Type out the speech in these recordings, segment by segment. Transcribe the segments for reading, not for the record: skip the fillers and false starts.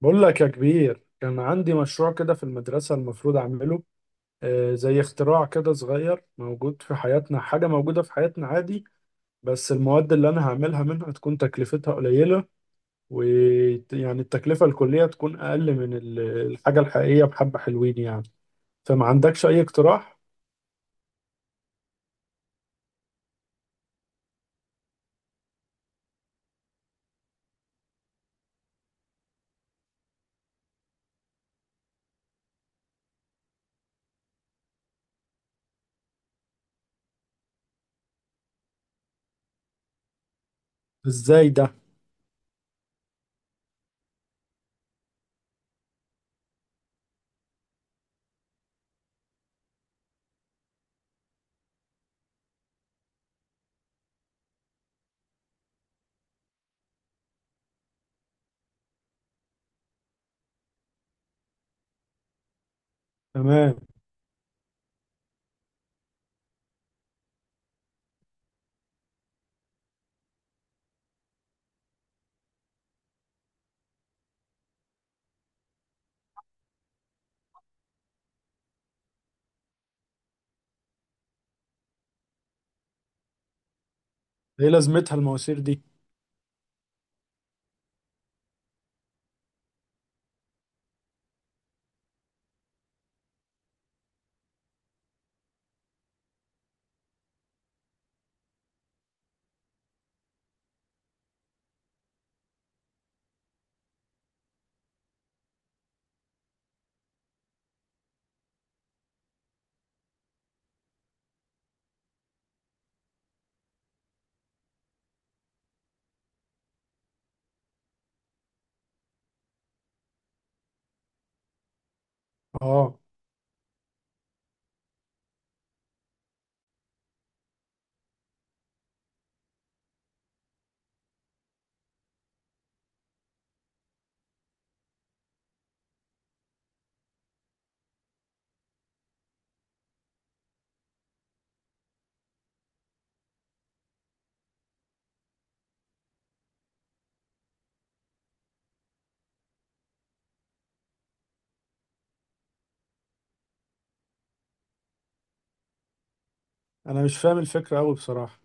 بقول لك يا كبير، كان عندي مشروع كده في المدرسة المفروض أعمله. زي اختراع كده صغير موجود في حياتنا، حاجة موجودة في حياتنا عادي. بس المواد اللي أنا هعملها منها تكون تكلفتها قليلة، ويعني التكلفة الكلية تكون أقل من الحاجة الحقيقية بحبة، حلوين يعني. فما عندكش أي اقتراح؟ إزاي ده؟ تمام. إيه لازمتها المواسير دي؟ آه. أنا مش فاهم الفكرة أوي بصراحة.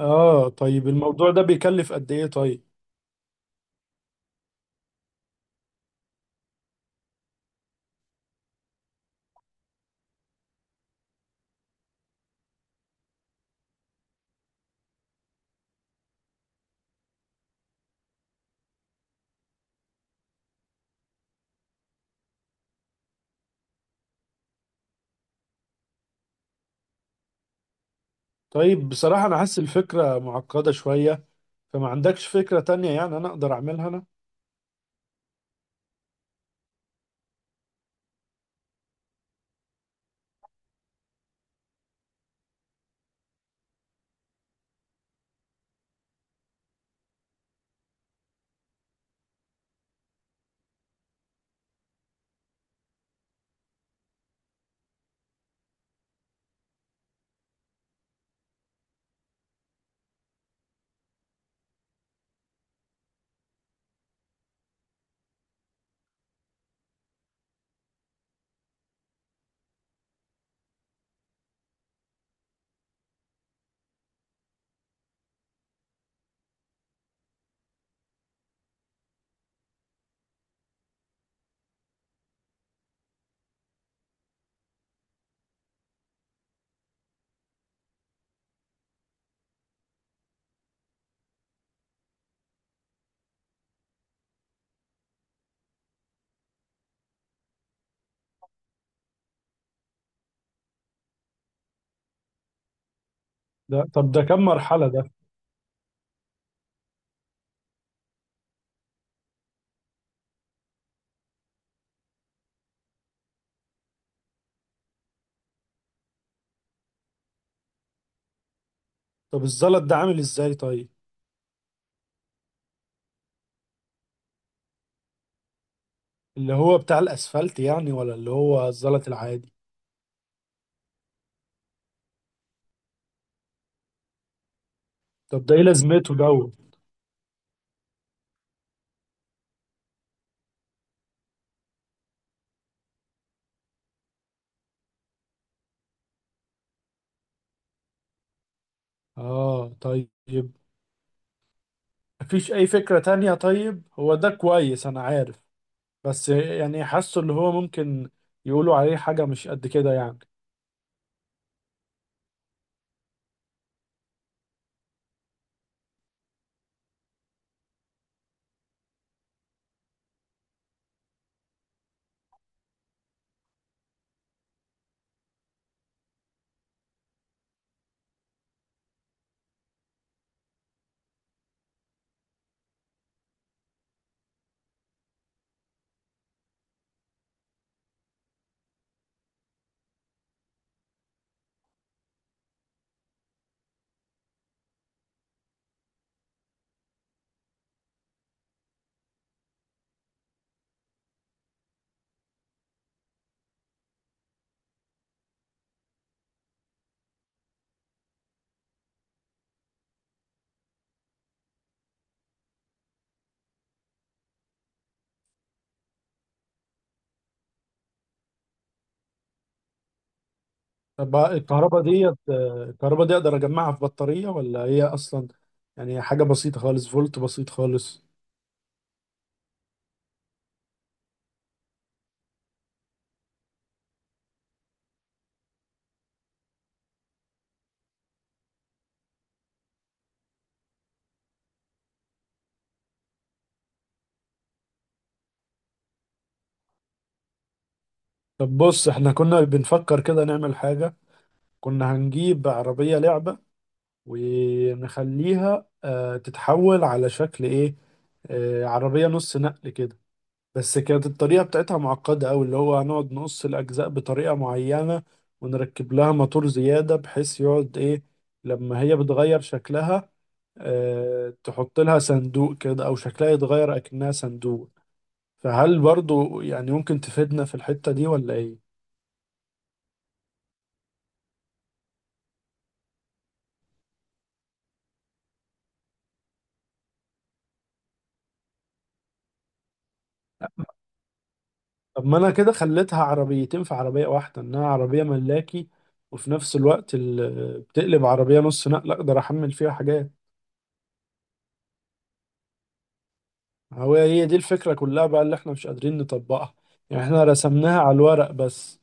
آه، طيب الموضوع ده بيكلف قد إيه طيب؟ طيب بصراحة أنا حاسس الفكرة معقدة شوية، فما عندكش فكرة تانية يعني أنا أقدر أعملها أنا؟ ده طب ده كم مرحلة ده؟ طب الزلط ده عامل إزاي طيب؟ اللي هو بتاع الأسفلت يعني، ولا اللي هو الزلط العادي؟ طب ده إيه لازمته جو؟ آه طيب. مفيش أي فكرة تانية طيب؟ هو ده كويس أنا عارف، بس يعني حاسه اللي هو ممكن يقولوا عليه حاجة مش قد كده يعني. طب الكهرباء ديت، الكهرباء دي اقدر اجمعها في بطارية، ولا هي اصلا يعني حاجة بسيطة خالص، فولت بسيط خالص؟ طب بص، احنا كنا بنفكر كده نعمل حاجة، كنا هنجيب عربية لعبة ونخليها تتحول على شكل ايه. عربية نص نقل كده، بس كانت الطريقة بتاعتها معقدة أوي، اللي هو هنقعد نقص الأجزاء بطريقة معينة ونركب لها موتور زيادة بحيث يقعد إيه لما هي بتغير شكلها. تحط لها صندوق كده او شكلها يتغير اكنها صندوق. فهل برضو يعني ممكن تفيدنا في الحتة دي ولا ايه؟ طب ما انا كده خليتها عربيتين في عربية واحدة، انها عربية ملاكي وفي نفس الوقت بتقلب عربية نص نقل اقدر احمل فيها حاجات. هو هي دي الفكرة كلها بقى اللي احنا مش قادرين نطبقها، يعني احنا رسمناها على الورق بس.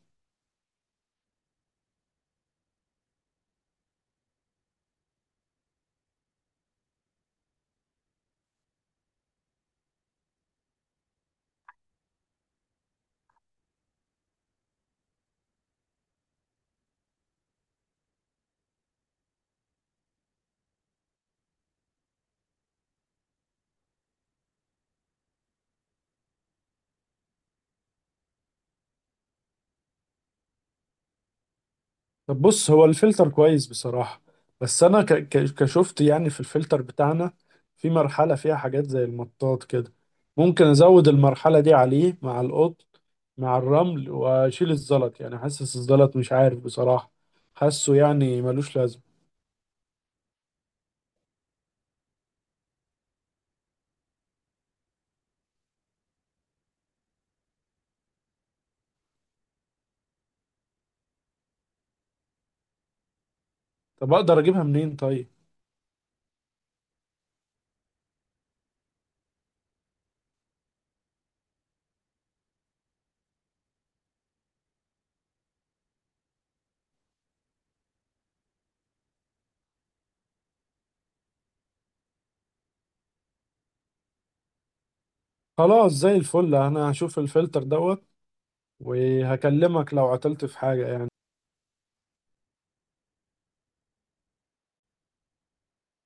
طب بص، هو الفلتر كويس بصراحة، بس أنا كشفت يعني في الفلتر بتاعنا في مرحلة فيها حاجات زي المطاط كده، ممكن أزود المرحلة دي عليه مع القط، مع الرمل، وأشيل الزلط، يعني حاسس الزلط مش عارف بصراحة، حاسه يعني ملوش لازمة. طب أقدر أجيبها منين طيب؟ خلاص زي الفل، أنا هشوف الفلتر دوت وهكلمك لو عطلت في حاجة يعني.